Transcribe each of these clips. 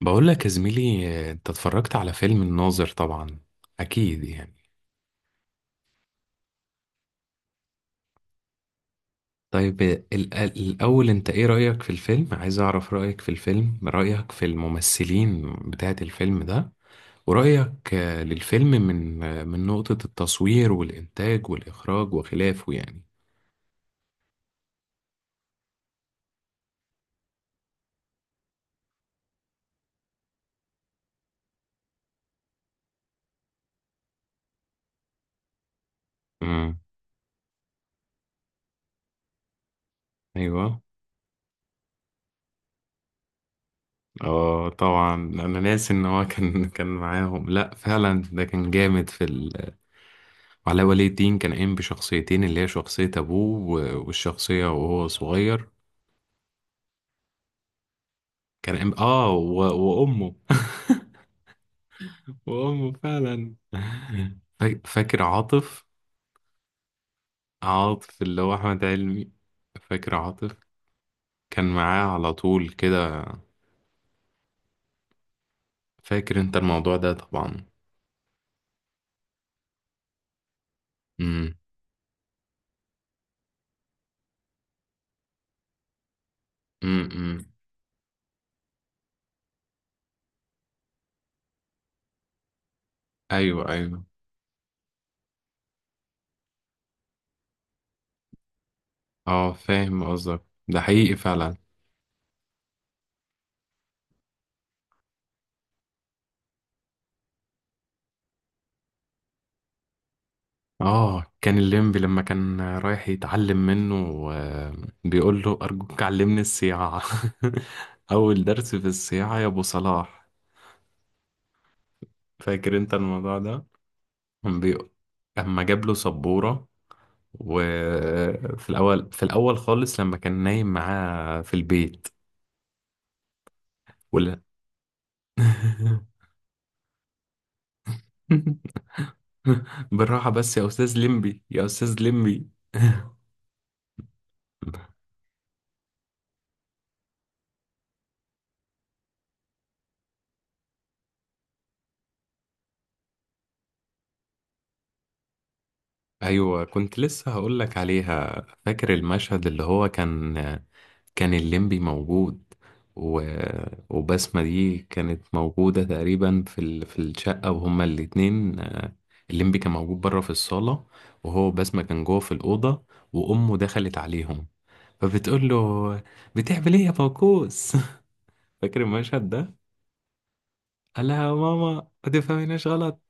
بقول لك يا زميلي، انت اتفرجت على فيلم الناظر طبعا، اكيد يعني. طيب الاول انت ايه رأيك في الفيلم؟ عايز اعرف رأيك في الفيلم، رأيك في الممثلين بتاعت الفيلم ده، ورأيك للفيلم من من نقطة التصوير والإنتاج والإخراج وخلافه يعني. امم. ايوه. اه طبعا، انا ناسي ان هو كان معاهم. لا فعلا ده كان جامد في علاء ولي الدين. كان قايم بشخصيتين، اللي هي شخصية أبوه والشخصية وهو صغير. كان قايم، وأمه. وأمه فعلا. فاكر عاطف؟ عاطف اللي هو أحمد علمي. فاكر عاطف؟ كان معاه على طول كده. فاكر أنت الموضوع ده طبعا. امم. امم. امم. أيوه أيوه. أه فاهم قصدك، ده حقيقي فعلا. اه كان الليمبي لما كان رايح يتعلم منه. آه، بيقول له ارجوك علمني السياعة. اول درس في السياعة يا ابو صلاح. فاكر انت الموضوع ده؟ كان بي- اما جاب له سبورة. وفي الاول خالص لما كان نايم معاه في البيت. ولا. بالراحة بس يا استاذ ليمبي، يا استاذ ليمبي. ايوه كنت لسه هقول لك عليها. فاكر المشهد اللي هو كان الليمبي موجود، و... وبسمة دي كانت موجودة تقريبا في في الشقة، وهما الاتنين، الليمبي كان موجود بره في الصالة، وهو بسمة كان جوه في الأوضة، وأمه دخلت عليهم، فبتقول له: بتعمل إيه يا فوكوس؟ فاكر المشهد ده؟ قال لها يا ماما ما تفهميناش غلط.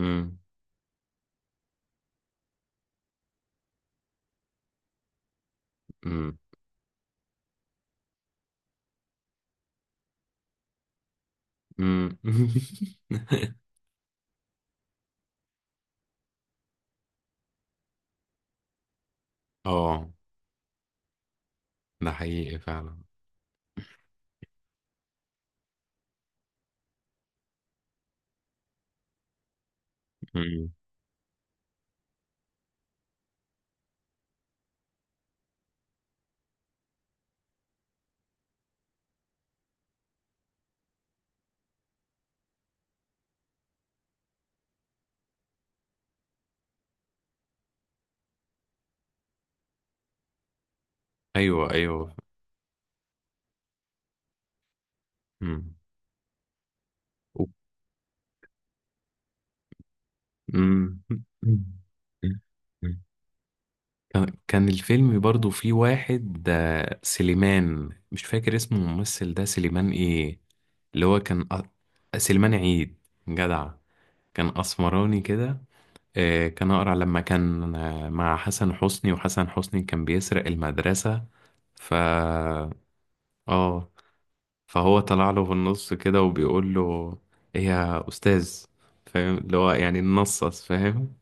أمم. أمم. أمم. اه ده حقيقي فعلا. مم. ايوه ايوه. مم. و- مم. كان الفيلم برضو فيه واحد، سليمان، مش فاكر اسمه الممثل ده، سليمان ايه؟ اللي هو كان سليمان عيد. جدع، كان اسمراني كده، كان اقرع لما كان مع حسن حسني، وحسن حسني كان بيسرق المدرسة. ف اه. فهو طلع له في النص كده وبيقول له: ايه يا استاذ؟ فاهم اللي هو يعني ننصص، فاهم.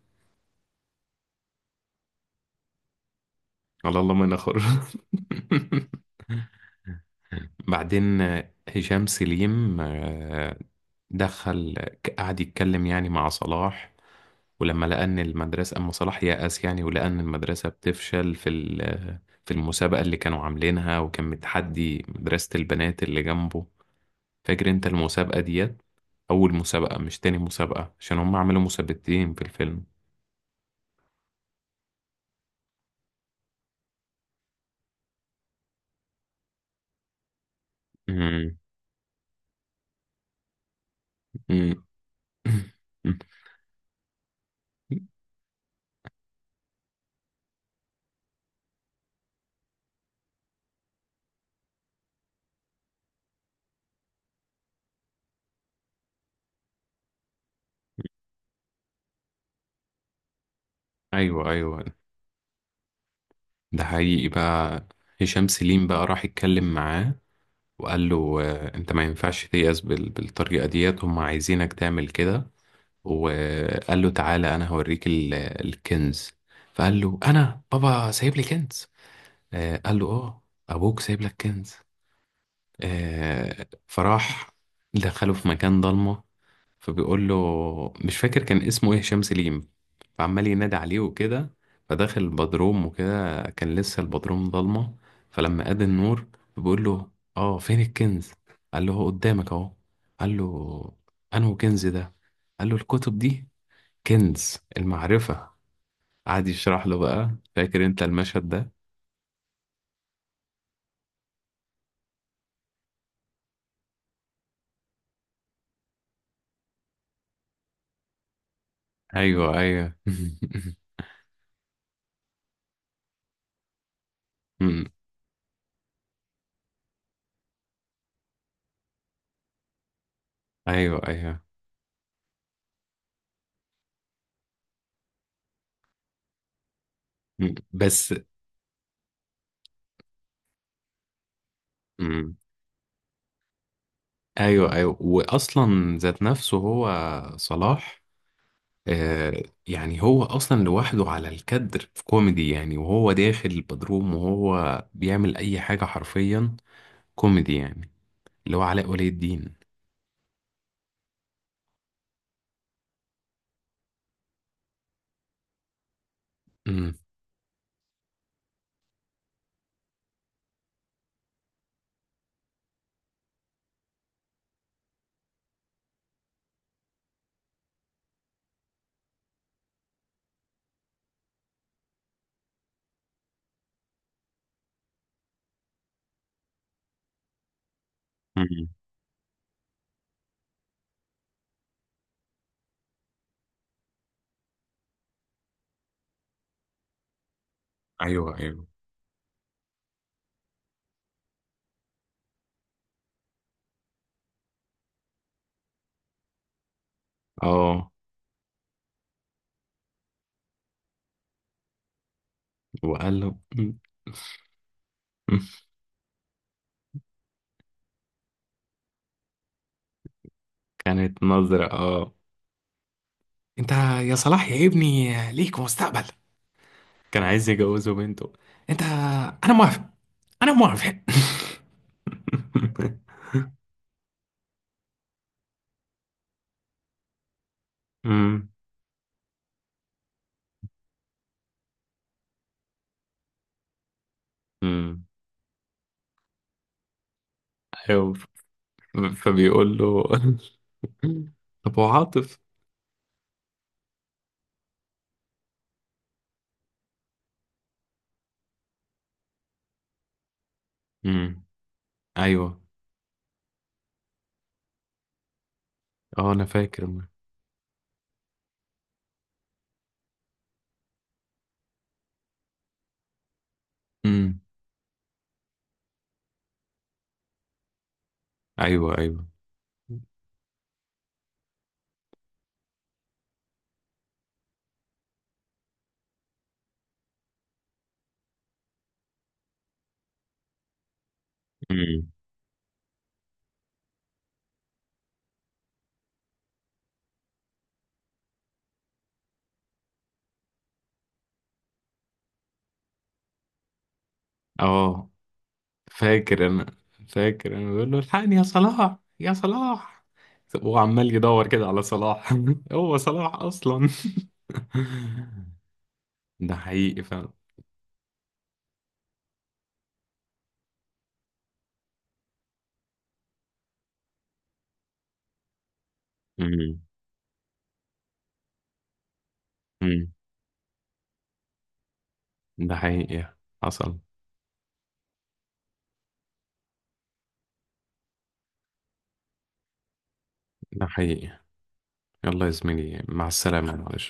على الله ما نخر. بعدين هشام سليم دخل، قعد يتكلم يعني مع صلاح. ولما لقى ان المدرسه، اما صلاح يأس يعني ولقى ان المدرسه بتفشل في في المسابقه اللي كانوا عاملينها، وكان متحدي مدرسه البنات اللي جنبه. فاكر انت المسابقه ديت؟ أول مسابقة، مش تاني مسابقة، عشان هم عملوا مسابقتين في الفيلم. مم. مم. أيوه أيوه. ده حقيقي بقى. هشام سليم بقى راح يتكلم معاه، وقال له: أنت ما ينفعش تيأس بالطريقة ديت، هم عايزينك تعمل كده. وقال له: تعالى أنا هوريك الكنز. فقال له: أنا بابا سايب لي كنز؟ قال له: آه، أبوك سايب لك كنز. فراح دخله في مكان ضلمة. فبيقول له، مش فاكر كان اسمه ايه هشام سليم، فعمال ينادي عليه وكده. فداخل البدروم وكده، كان لسه البدروم ضلمة، فلما قاد النور بيقول له: اه، فين الكنز؟ قال له: هو قدامك اهو. قال له: انه كنز ده؟ قال له: الكتب دي كنز المعرفة. قعد يشرح له بقى. فاكر انت المشهد ده؟ ايوه ايوه. أمم. ايوه ايوه. أمم، بس. أمم. ايوه ايوه. واصلا ذات نفسه هو صلاح، آه. يعني هو اصلا لوحده على الكدر في كوميدي يعني، وهو داخل البدروم وهو بيعمل اي حاجه حرفيا كوميدي يعني، اللي هو علاء ولي الدين. امم. أمم. ايوه ايوه. اه، وقال له. أمم. أمم. كانت نظره، اه. انت يا صلاح يا ابني ليك مستقبل. كان عايز يجوزه بنته. انت، انا موافق، انا موافق. امم. امم. ايوه، فبيقول له. طب هو عاطف. امم. ايوه. اه، انا فاكر. امم. ايوه ايوه. امم. اه فاكر انا، فاكر انا. بيقول له: الحقني يا صلاح، يا صلاح. هو عمال يدور كده على صلاح، هو صلاح اصلا. ده حقيقي فعلا. امم. امم. ده حقيقي. حصل. ده حقيقي. يلا يا زميلي، مع السلامة، معلش.